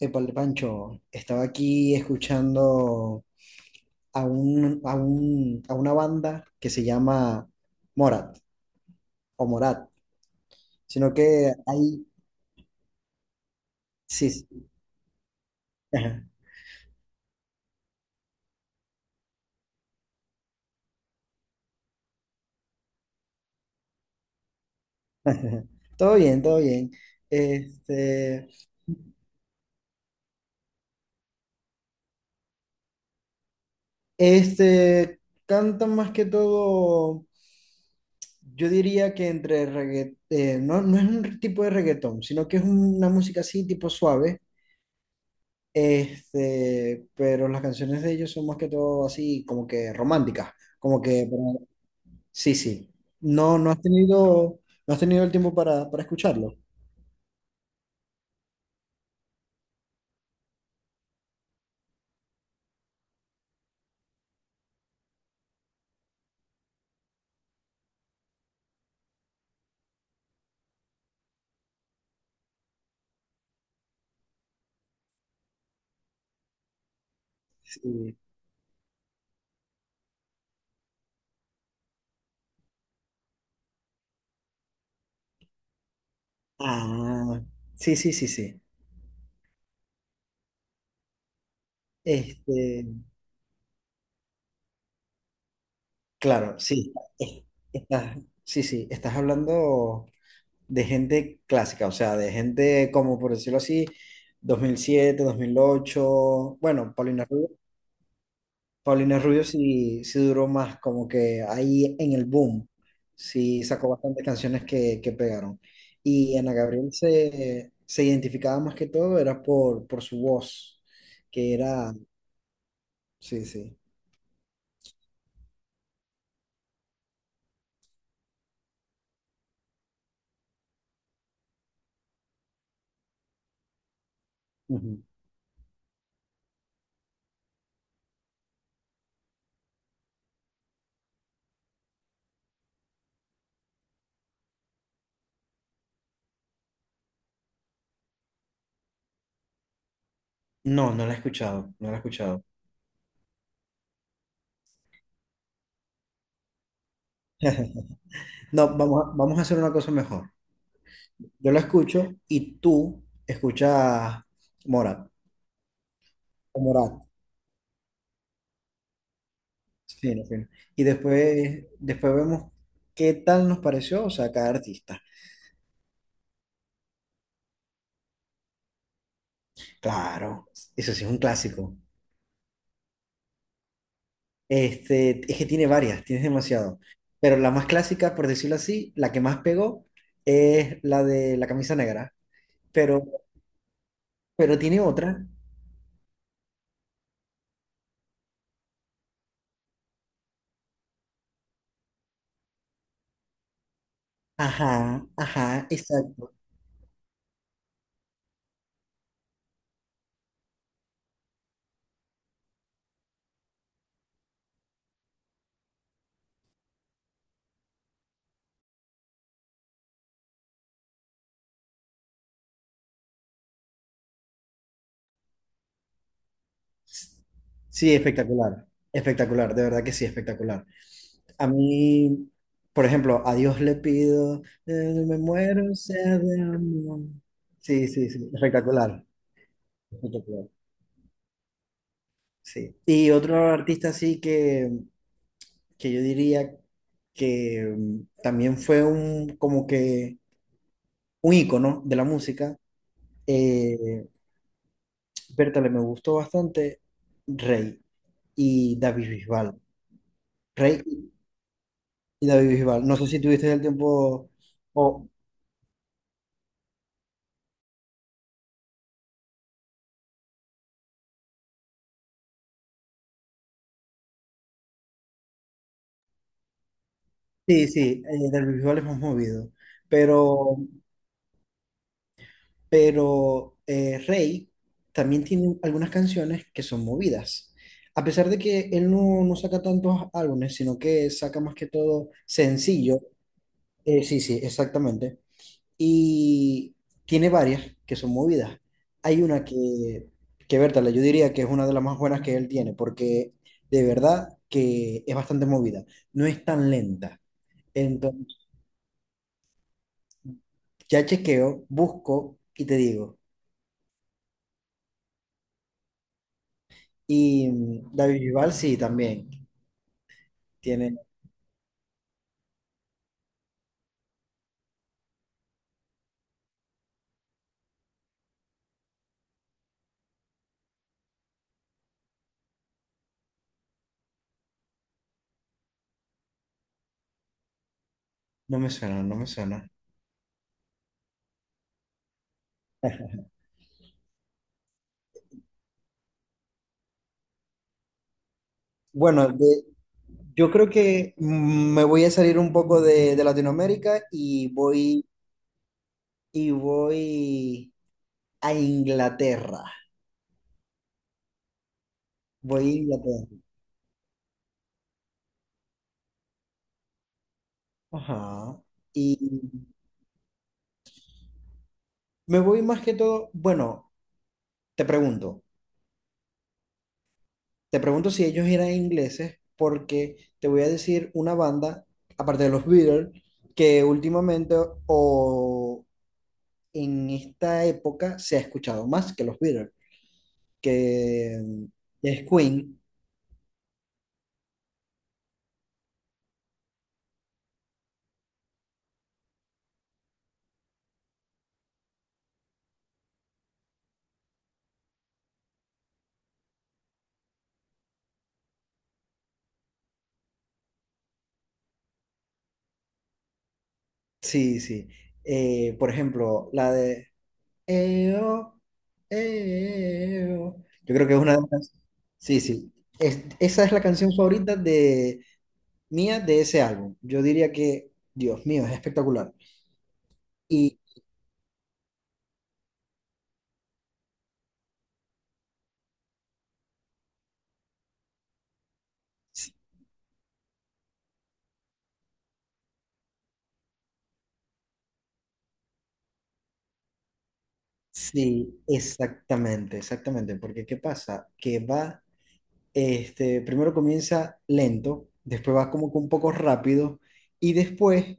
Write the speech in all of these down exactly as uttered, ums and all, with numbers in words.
Épale, Pancho, estaba aquí escuchando a, un, a, un, a una banda que se llama Morat, o Morat, sino que hay, sí, sí, ajá. Todo bien, todo bien. Este, este, cantan más que todo, yo diría que entre reggaetón. No, no es un tipo de reggaetón, sino que es una música así tipo suave. Este, pero las canciones de ellos son más que todo así, como que románticas, como que, pero- sí, sí. No, no has tenido, no has tenido el tiempo para, para escucharlo. Sí. Ah, sí, sí, sí, sí. Este, claro, sí. es- Estás, sí, sí, estás hablando de gente clásica, o sea, de gente como, por decirlo así, dos dos mil siete dos mil ocho, bueno, Paulina Rubio. Paulina Rubio, sí, sí duró más, como que ahí en el boom, sí sacó bastantes canciones que, que pegaron. Y Ana Gabriel se, se identificaba más que todo, era por, por su voz, que era, sí, sí. Ujú. No, no la he escuchado, no la he escuchado. No, vamos a, vamos a hacer una cosa mejor. Yo la escucho y tú escuchas Morat. O Morat. Sí, no, sí. Y después, después vemos qué tal nos pareció, o sea, cada artista. Claro, eso sí es un clásico. Este, es que tiene varias, tienes demasiado. Pero la más clásica, por decirlo así, la que más pegó es la de la camisa negra. Pero, pero tiene otra. Ajá, ajá, exacto. Sí, espectacular. Espectacular, de verdad que sí, espectacular. A mí, por ejemplo, a Dios le pido, eh, me muero, sea de amor. Sí, sí, sí, espectacular. Espectacular. Sí. Y otro artista así que que yo diría que mm, también fue un como que un ícono de la música. Eh, Bertale, me gustó bastante Rey y David Bisbal. Rey y David Bisbal. No sé si tuviste el tiempo o sí, sí, eh, David Bisbal es más movido, pero pero eh, Rey también tiene algunas canciones que son movidas. A pesar de que él no, no saca tantos álbumes, sino que saca más que todo sencillo. Eh, sí, sí, exactamente. Y tiene varias que son movidas. Hay una que, que Bertale, yo diría que es una de las más buenas que él tiene, porque de verdad que es bastante movida. No es tan lenta. Entonces, ya chequeo, busco y te digo. Y mm, David Bisbal sí, también. Tiene, no me suena, no me suena. Bueno, de- yo creo que mm, me voy a salir un poco de, de Latinoamérica y voy, y voy. a Inglaterra. Voy a Inglaterra. Ajá. Y me voy más que todo, bueno, te pregunto, te pregunto si ellos eran ingleses, porque te voy a decir una banda, aparte de los Beatles, que últimamente o en esta época se ha escuchado más que los Beatles, que mm, es Queen. Sí, sí. Eh, por ejemplo, la de Eo, eo. Yo creo que es una de las... Sí, sí. Es- esa es la canción favorita de mía de ese álbum. Yo diría que, Dios mío, es espectacular. Y s- sí, exactamente, exactamente. Porque ¿qué pasa? Que va, este, primero comienza lento, después va como que un poco rápido y después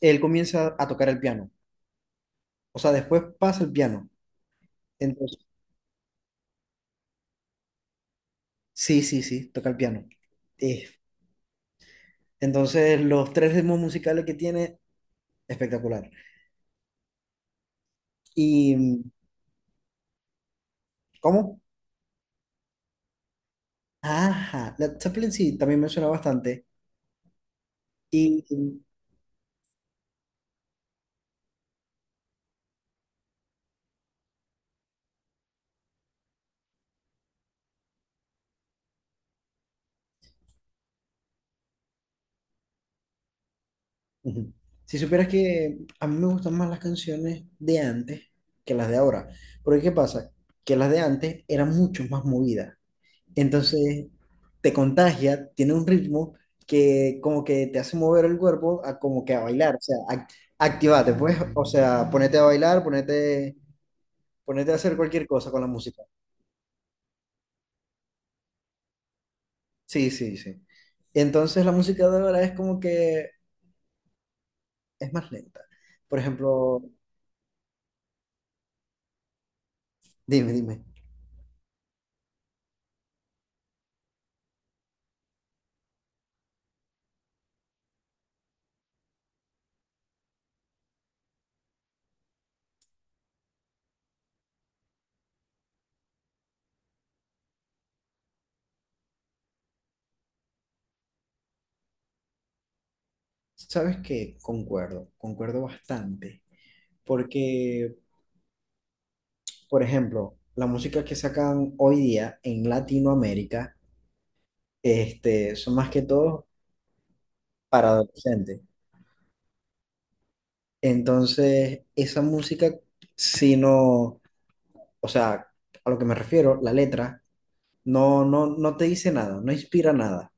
él comienza a tocar el piano. O sea, después pasa el piano. Entonces, sí, sí, sí, toca el piano. Es Entonces, los tres ritmos musicales que tiene, espectacular. ¿Y mm, cómo? Ajá, la Zeppelin sí, también me suena bastante. Y ujú. Si supieras que a mí me gustan más las canciones de antes que las de ahora. Porque ¿qué pasa? Que las de antes eran mucho más movidas. Entonces, te contagia, tiene un ritmo que como que te hace mover el cuerpo a como que a bailar. O sea, ac- activate, pues. O sea, ponete a bailar, ponete, ponete a hacer cualquier cosa con la música. Sí, sí, sí. Entonces la música de ahora es como que es más lenta. Por ejemplo, dime, dime, ¿sabes qué? Concuerdo, concuerdo bastante. Porque, por ejemplo, la música que sacan hoy día en Latinoamérica, este, son más que todo para adolescentes. Entonces, esa música, si no, o sea, a lo que me refiero, la letra, no, no, no te dice nada, no inspira nada.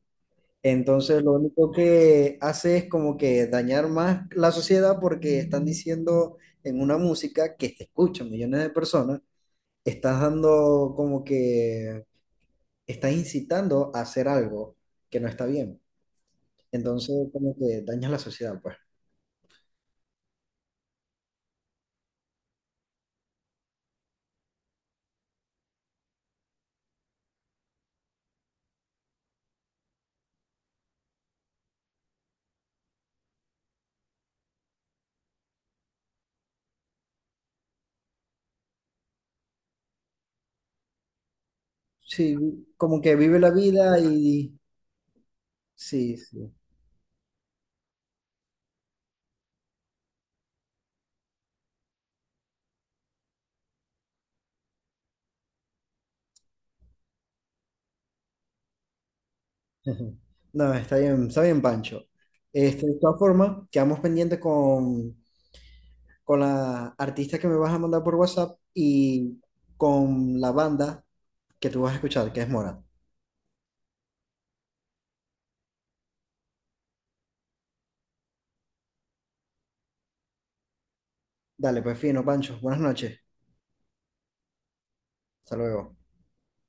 Entonces, lo único que hace es como que dañar más la sociedad porque están diciendo en una música que te escuchan millones de personas, estás dando como que estás incitando a hacer algo que no está bien. Entonces, como que dañas la sociedad, pues. Sí, como que vive la vida y sí, sí. No, está bien, está bien, Pancho. Este, de todas formas, quedamos pendientes con, con, la artista que me vas a mandar por WhatsApp y con la banda que tú vas a escuchar, que es Mora. Dale, pues fino, Pancho. Buenas noches. Hasta luego.